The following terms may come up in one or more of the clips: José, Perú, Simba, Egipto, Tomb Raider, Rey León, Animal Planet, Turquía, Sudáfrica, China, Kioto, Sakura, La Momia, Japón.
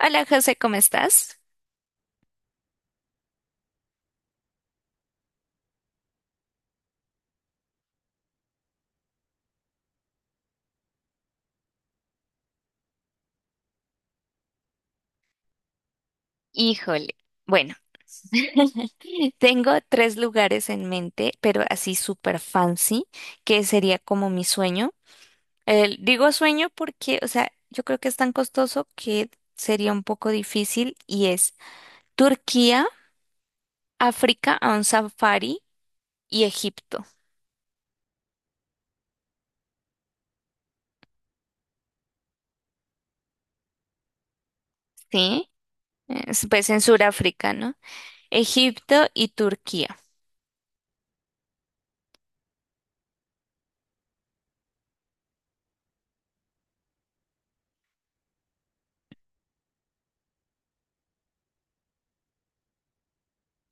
Hola José, ¿cómo estás? Híjole, bueno, tengo tres lugares en mente, pero así súper fancy, que sería como mi sueño. Digo sueño porque, o sea, yo creo que es tan costoso que sería un poco difícil, y es Turquía, África a un safari y Egipto. ¿Sí? Es, pues, en Sudáfrica, ¿no? Egipto y Turquía.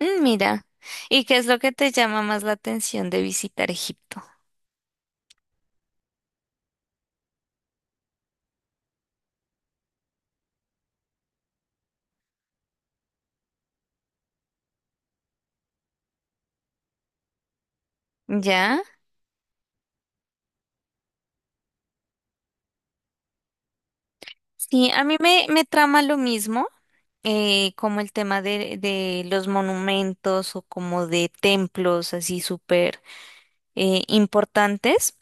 Mira, ¿y qué es lo que te llama más la atención de visitar Egipto? ¿Ya? Sí, a mí me, me trama lo mismo, como el tema de los monumentos o como de templos así súper importantes.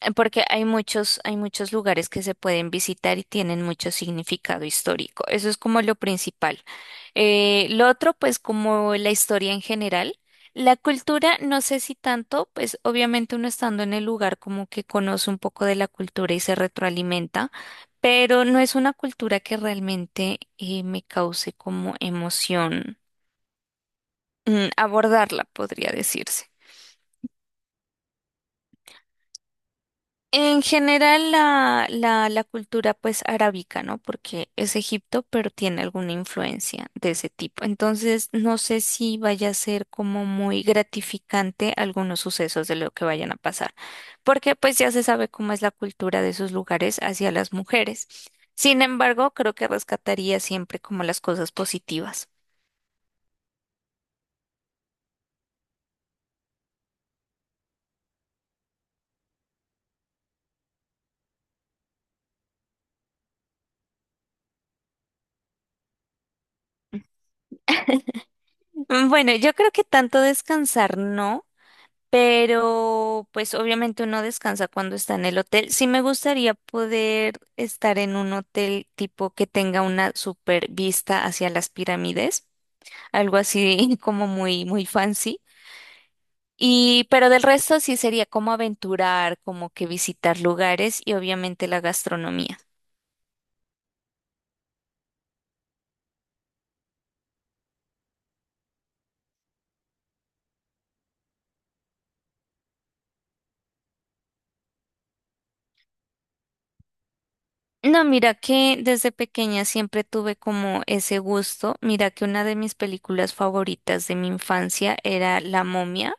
Porque hay muchos lugares que se pueden visitar y tienen mucho significado histórico. Eso es como lo principal. Lo otro, pues como la historia en general. La cultura, no sé si tanto. Pues obviamente uno estando en el lugar como que conoce un poco de la cultura y se retroalimenta, pero no es una cultura que realmente me cause como emoción, abordarla, podría decirse. En general la, la cultura pues arábica, ¿no? Porque es Egipto, pero tiene alguna influencia de ese tipo. Entonces, no sé si vaya a ser como muy gratificante algunos sucesos de lo que vayan a pasar, porque pues ya se sabe cómo es la cultura de esos lugares hacia las mujeres. Sin embargo, creo que rescataría siempre como las cosas positivas. Bueno, yo creo que tanto descansar no. Pero pues obviamente uno descansa cuando está en el hotel. Sí me gustaría poder estar en un hotel tipo que tenga una super vista hacia las pirámides, algo así como muy muy fancy. Y pero del resto sí sería como aventurar, como que visitar lugares y obviamente la gastronomía. No, mira que desde pequeña siempre tuve como ese gusto. Mira que una de mis películas favoritas de mi infancia era La Momia.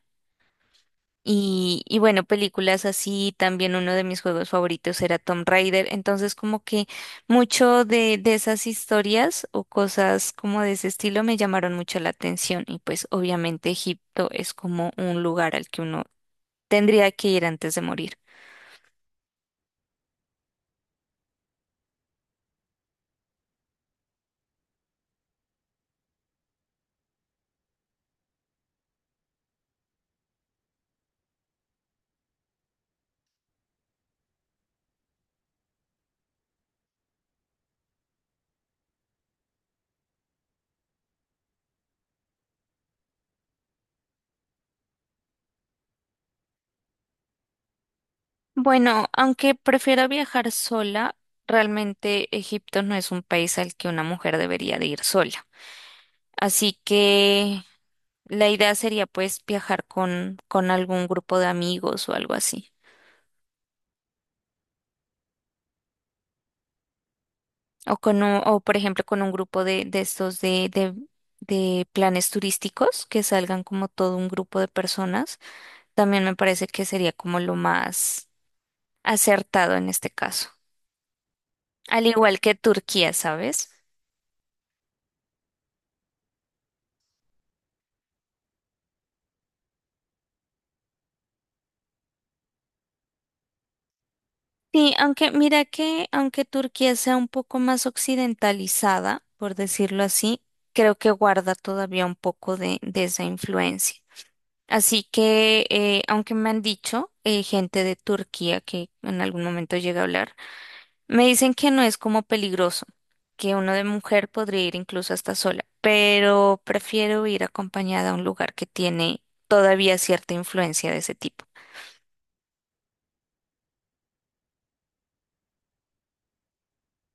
Y bueno, películas así, también uno de mis juegos favoritos era Tomb Raider, entonces como que mucho de esas historias o cosas como de ese estilo me llamaron mucho la atención, y pues obviamente Egipto es como un lugar al que uno tendría que ir antes de morir. Bueno, aunque prefiero viajar sola, realmente Egipto no es un país al que una mujer debería de ir sola. Así que la idea sería pues viajar con algún grupo de amigos o algo así. O por ejemplo con un grupo de estos de, de planes turísticos que salgan como todo un grupo de personas. También me parece que sería como lo más acertado en este caso. Al igual que Turquía, ¿sabes? Sí, aunque mira que aunque Turquía sea un poco más occidentalizada, por decirlo así, creo que guarda todavía un poco de esa influencia. Así que, aunque me han dicho gente de Turquía que en algún momento llega a hablar, me dicen que no es como peligroso, que uno de mujer podría ir incluso hasta sola, pero prefiero ir acompañada a un lugar que tiene todavía cierta influencia de ese tipo.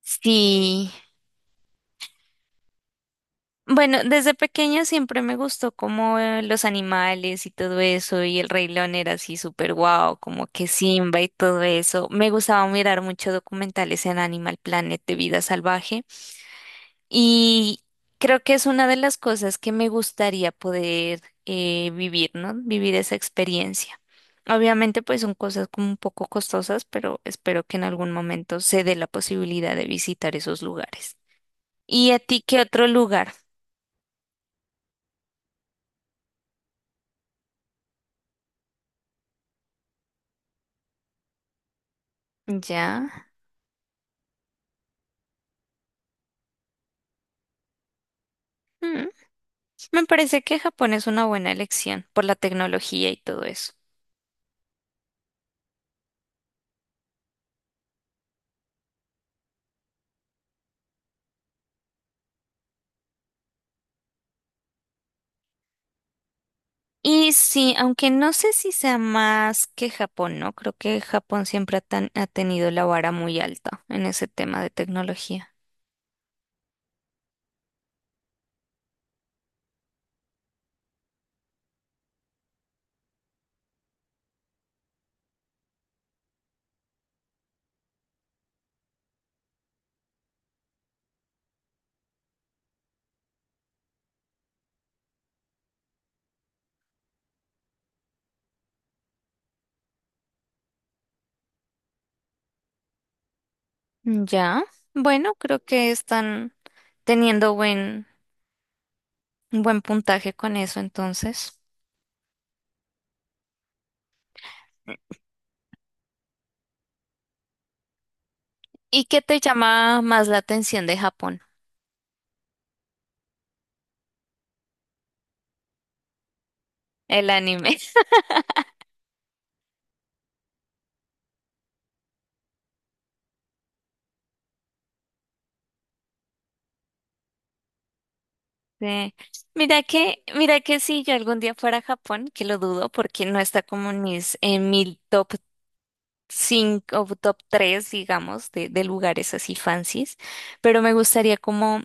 Sí. Bueno, desde pequeña siempre me gustó como los animales y todo eso, y el Rey León era así súper guau, como que Simba y todo eso. Me gustaba mirar muchos documentales en Animal Planet de vida salvaje, y creo que es una de las cosas que me gustaría poder vivir, ¿no? Vivir esa experiencia. Obviamente, pues son cosas como un poco costosas, pero espero que en algún momento se dé la posibilidad de visitar esos lugares. ¿Y a ti qué otro lugar? Ya. Mm, Me parece que Japón es una buena elección por la tecnología y todo eso. Y sí, aunque no sé si sea más que Japón, ¿no? Creo que Japón siempre ha, ha tenido la vara muy alta en ese tema de tecnología. Ya, bueno, creo que están teniendo un buen puntaje con eso entonces. ¿Y qué te llama más la atención de Japón? El anime. Sí. Mira que si yo algún día fuera a Japón, que lo dudo porque no está como en mi top 5 o top tres, digamos, de lugares así fancies, pero me gustaría como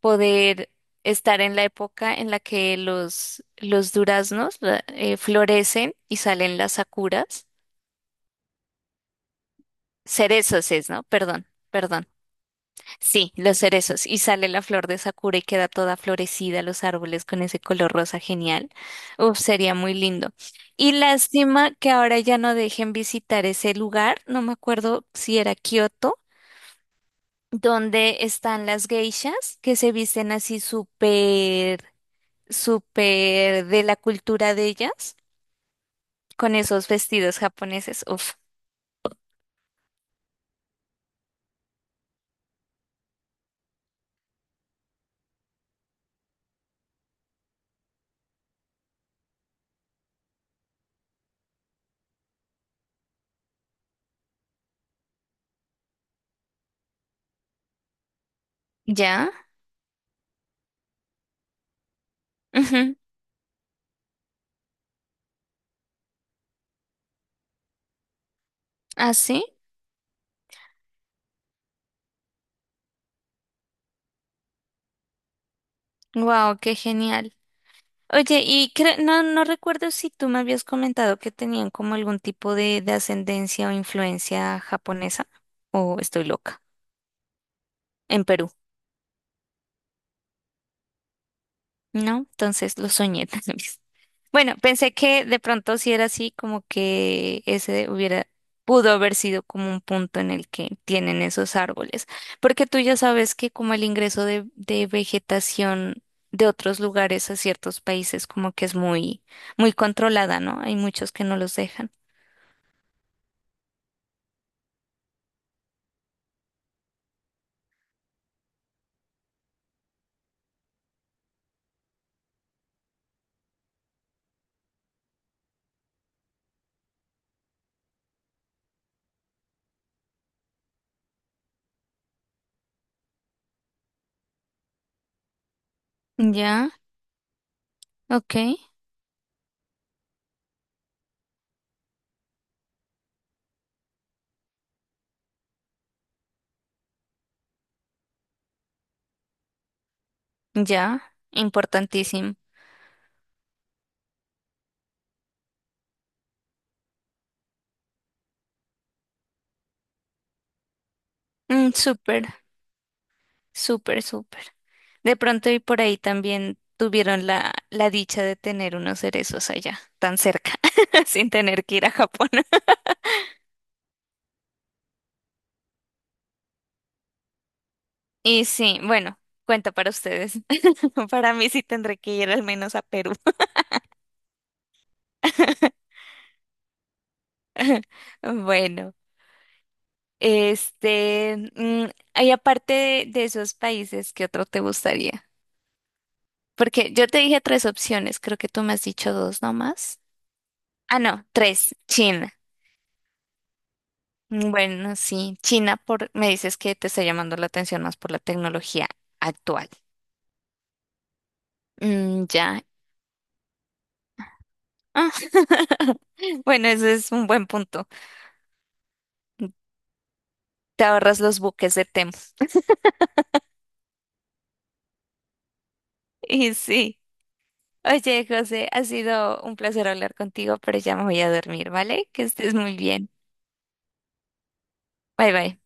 poder estar en la época en la que los duraznos florecen y salen las sakuras. Cerezos es, ¿no? Perdón, perdón. Sí, los cerezos. Y sale la flor de Sakura y queda toda florecida los árboles con ese color rosa genial. Uf, sería muy lindo. Y lástima que ahora ya no dejen visitar ese lugar. No me acuerdo si era Kioto, donde están las geishas que se visten así súper, súper de la cultura de ellas, con esos vestidos japoneses. Uf, ¿ya? Ujú, así. Wow, qué genial. Oye, y no, no recuerdo si tú me habías comentado que tenían como algún tipo de ascendencia o influencia japonesa, o estoy loca, en Perú, ¿no? Entonces lo soñé también. Bueno, pensé que de pronto si era así, como que ese hubiera, pudo haber sido como un punto en el que tienen esos árboles, porque tú ya sabes que como el ingreso de vegetación de otros lugares a ciertos países como que es muy, muy controlada, ¿no? Hay muchos que no los dejan. Ya, ok, ya, importantísimo. Súper, súper, súper. De pronto y por ahí también tuvieron la, la dicha de tener unos cerezos allá, tan cerca, sin tener que ir a Japón. Y sí, bueno, cuenta para ustedes. Para mí sí tendré que ir al menos a Perú. Bueno, este, y aparte de esos países, ¿qué otro te gustaría? Porque yo te dije tres opciones, creo que tú me has dicho dos nomás. Ah, no, tres, China. Bueno, sí, China por, me dices que te está llamando la atención más por la tecnología actual. Mm, ya. Ah, bueno, ese es un buen punto. Te ahorras los buques de Temo. Y sí. Oye, José, ha sido un placer hablar contigo, pero ya me voy a dormir, ¿vale? Que estés muy bien. Bye bye.